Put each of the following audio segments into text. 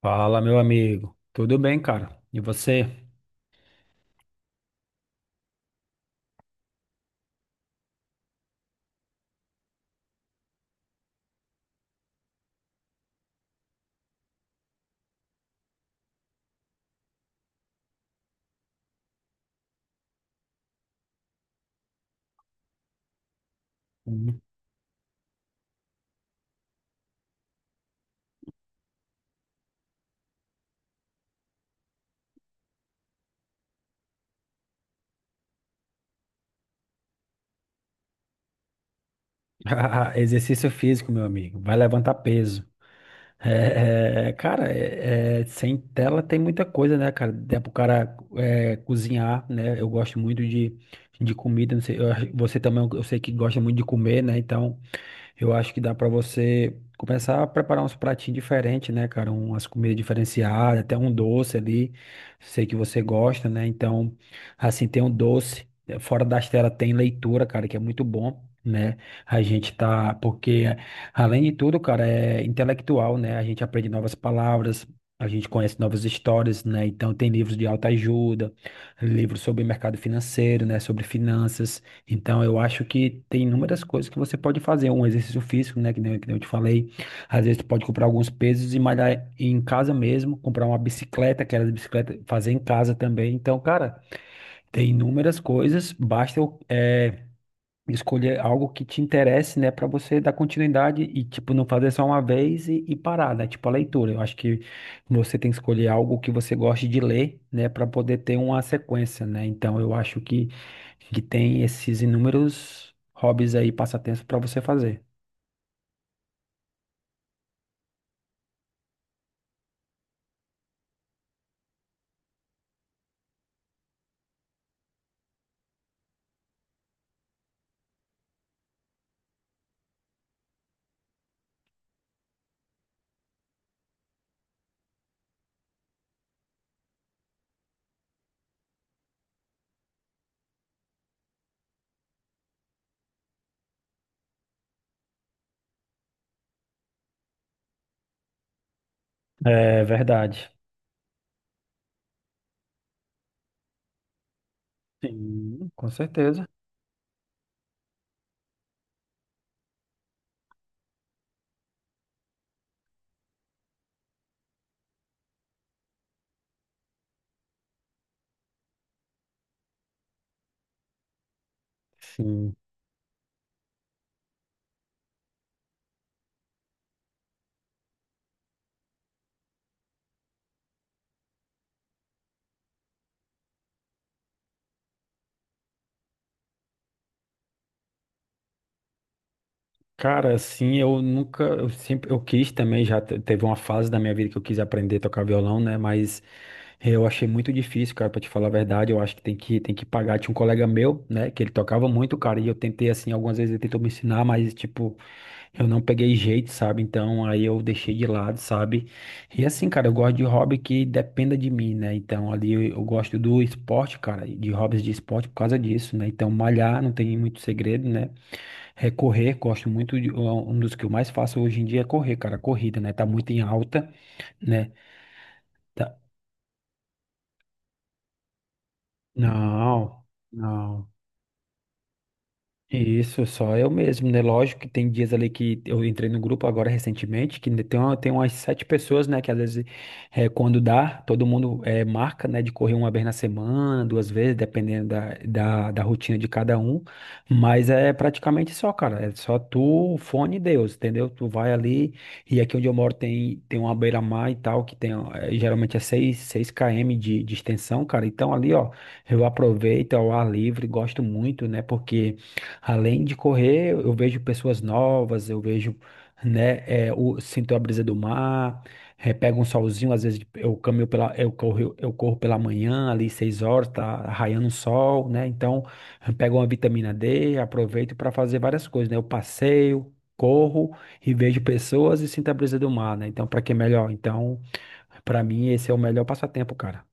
Fala, meu amigo. Tudo bem, cara? E você? Hum. Ah, exercício físico, meu amigo. Vai levantar peso. Cara, sem tela tem muita coisa, né, cara? Dá pro cara é, cozinhar, né? Eu gosto muito de comida. Não sei, você também, eu sei que gosta muito de comer, né? Então, eu acho que dá para você começar a preparar uns pratinhos diferentes, né, cara? Umas comidas diferenciadas, até um doce ali. Sei que você gosta, né? Então, assim, tem um doce. Fora das telas tem leitura, cara, que é muito bom, né? A gente tá. Porque, além de tudo, cara, é intelectual, né? A gente aprende novas palavras. A gente conhece novas histórias, né? Então, tem livros de autoajuda, livros sobre mercado financeiro, né? Sobre finanças. Então, eu acho que tem inúmeras coisas que você pode fazer. Um exercício físico, né? Que nem eu te falei. Às vezes, tu pode comprar alguns pesos e malhar em casa mesmo. Comprar uma bicicleta, aquelas bicicletas, fazer em casa também. Então, cara, tem inúmeras coisas. Basta eu escolher algo que te interesse, né, para você dar continuidade e, tipo, não fazer só uma vez e parar, né? Tipo, a leitura. Eu acho que você tem que escolher algo que você goste de ler, né, para poder ter uma sequência, né? Então, eu acho que tem esses inúmeros hobbies aí, passatempos para você fazer. É verdade. Sim, com certeza. Sim. Cara, assim, eu nunca, eu sempre, eu quis também, teve uma fase da minha vida que eu quis aprender a tocar violão, né? Mas eu achei muito difícil, cara, pra te falar a verdade, eu acho que tem que pagar. Tinha um colega meu, né, que ele tocava muito, cara, e eu tentei, assim, algumas vezes ele tentou me ensinar, mas, tipo, eu não peguei jeito, sabe? Então, aí eu deixei de lado, sabe? E assim, cara, eu gosto de hobby que dependa de mim, né? Então, ali eu gosto do esporte, cara, de hobbies de esporte por causa disso, né? Então, malhar não tem muito segredo, né? É correr, gosto muito de, é um dos que eu mais faço hoje em dia é correr, cara, corrida, né? Tá muito em alta, né? Tá- Não, não. Isso, só eu mesmo, né? Lógico que tem dias ali que eu entrei no grupo agora recentemente, que tem, tem umas sete pessoas, né? Que às vezes, quando dá, todo mundo marca, né? De correr uma vez na semana, duas vezes, dependendo da rotina de cada um. Mas é praticamente só, cara. É só tu, o fone e Deus, entendeu? Tu vai ali, e aqui onde eu moro tem, tem uma beira-mar e tal, que tem, eh, geralmente é seis km de extensão, cara. Então ali, ó, eu aproveito ao ar livre, gosto muito, né? Porque. Além de correr, eu vejo pessoas novas, eu vejo, né, sinto a brisa do mar, é, pego um solzinho, às vezes eu caminho pela, eu corro pela manhã, ali 6 horas, tá raiando o sol, né, então eu pego uma vitamina D, aproveito para fazer várias coisas, né, eu passeio, corro e vejo pessoas e sinto a brisa do mar, né, então para que melhor? Então, para mim esse é o melhor passatempo, cara.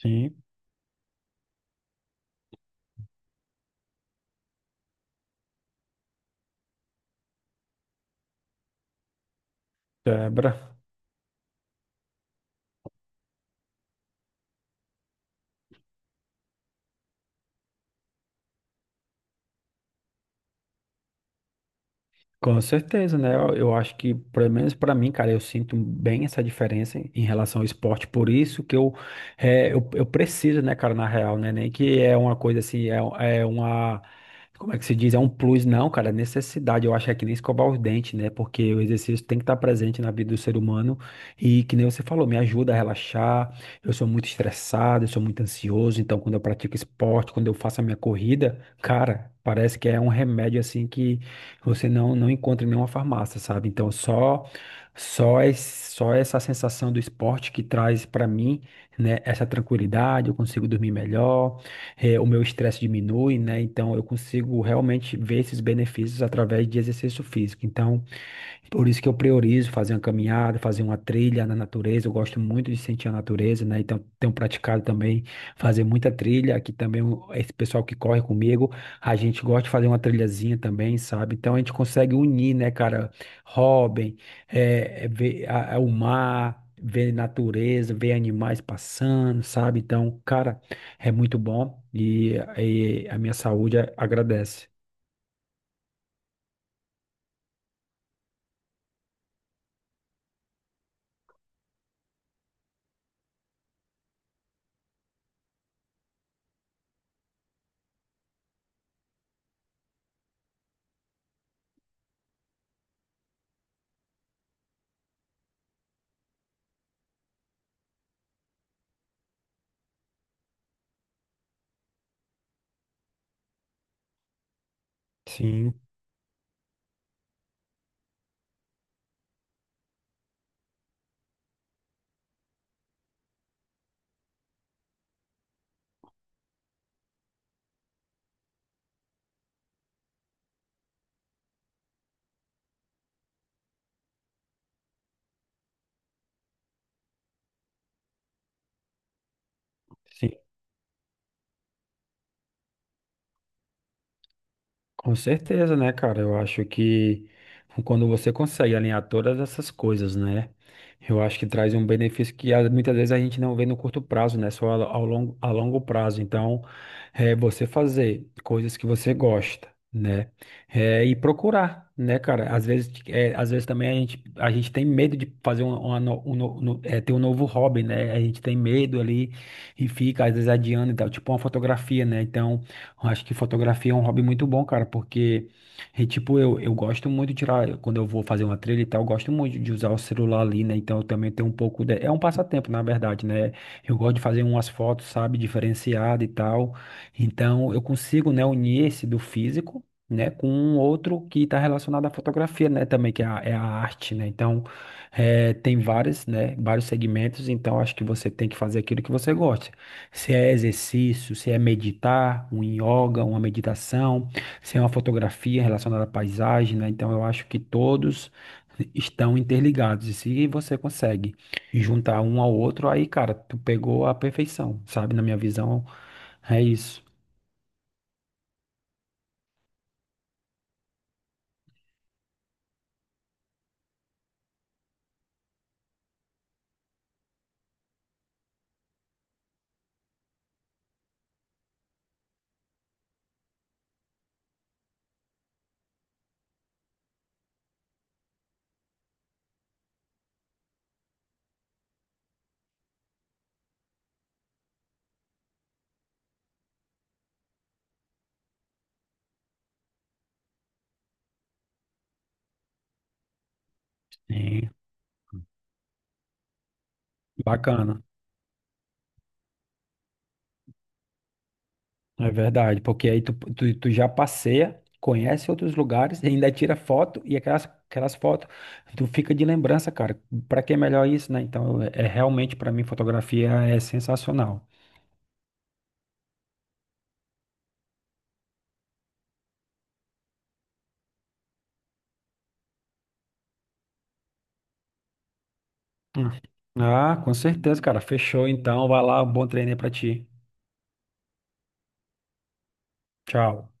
Sim, quebra. Com certeza, né? Eu acho que, pelo menos para mim, cara, eu sinto bem essa diferença em, em relação ao esporte. Por isso que eu, é, eu preciso, né, cara, na real, né? Nem que é uma coisa assim, é, é uma. Como é que se diz? É um plus, não, cara, é necessidade. Eu acho que é que nem escovar os dentes, né? Porque o exercício tem que estar presente na vida do ser humano. E que nem você falou, me ajuda a relaxar. Eu sou muito estressado, eu sou muito ansioso. Então, quando eu pratico esporte, quando eu faço a minha corrida, cara, parece que é um remédio assim que você não, não encontra em nenhuma farmácia, sabe? Então, só esse, só essa sensação do esporte que traz para mim, né, essa tranquilidade, eu consigo dormir melhor, eh, o meu estresse diminui, né? Então, eu consigo realmente ver esses benefícios através de exercício físico. Então, por isso que eu priorizo fazer uma caminhada, fazer uma trilha na natureza. Eu gosto muito de sentir a natureza, né? Então, tenho praticado também fazer muita trilha. Aqui também, esse pessoal que corre comigo, a gente gosta de fazer uma trilhazinha também, sabe? Então, a gente consegue unir, né, cara? Robin, é, é ver o mar, ver natureza, ver animais passando, sabe? Então, cara, é muito bom e a minha saúde agradece. Sim, sim. Com certeza, né, cara? Eu acho que quando você consegue alinhar todas essas coisas, né? Eu acho que traz um benefício que ah, muitas vezes a gente não vê no curto prazo, né? Só ao longo, a longo prazo. Então, é você fazer coisas que você gosta, né? É, e procurar, né, cara? Às vezes, é, às vezes também a gente tem medo de fazer um, uma no- um, no- no- é, ter um novo hobby, né? A gente tem medo ali e fica, às vezes, adiando e tal, tipo uma fotografia, né? Então. Eu acho que fotografia é um hobby muito bom, cara, porque, e, tipo, eu gosto muito de tirar, quando eu vou fazer uma trilha e tal, eu gosto muito de usar o celular ali, né? Então eu também tenho um pouco de... É um passatempo, na verdade, né? Eu gosto de fazer umas fotos, sabe, diferenciada e tal. Então eu consigo, né, unir esse do físico. Né, com um outro que está relacionado à fotografia, né, também, que é a arte, né, então, é, tem vários, né, vários segmentos, então acho que você tem que fazer aquilo que você gosta. Se é exercício, se é meditar, um yoga, uma meditação, se é uma fotografia relacionada à paisagem, né? Então eu acho que todos estão interligados. E se você consegue juntar um ao outro, aí, cara, tu pegou a perfeição, sabe? Na minha visão, é isso. É bacana. É verdade, porque aí tu já passeia, conhece outros lugares, e ainda tira foto e aquelas fotos tu fica de lembrança, cara. Pra que é melhor isso, né? Então, é, é realmente pra mim fotografia é sensacional. Hum. Ah, com certeza, cara. Fechou então. Vai lá, um bom treino aí pra ti. Tchau.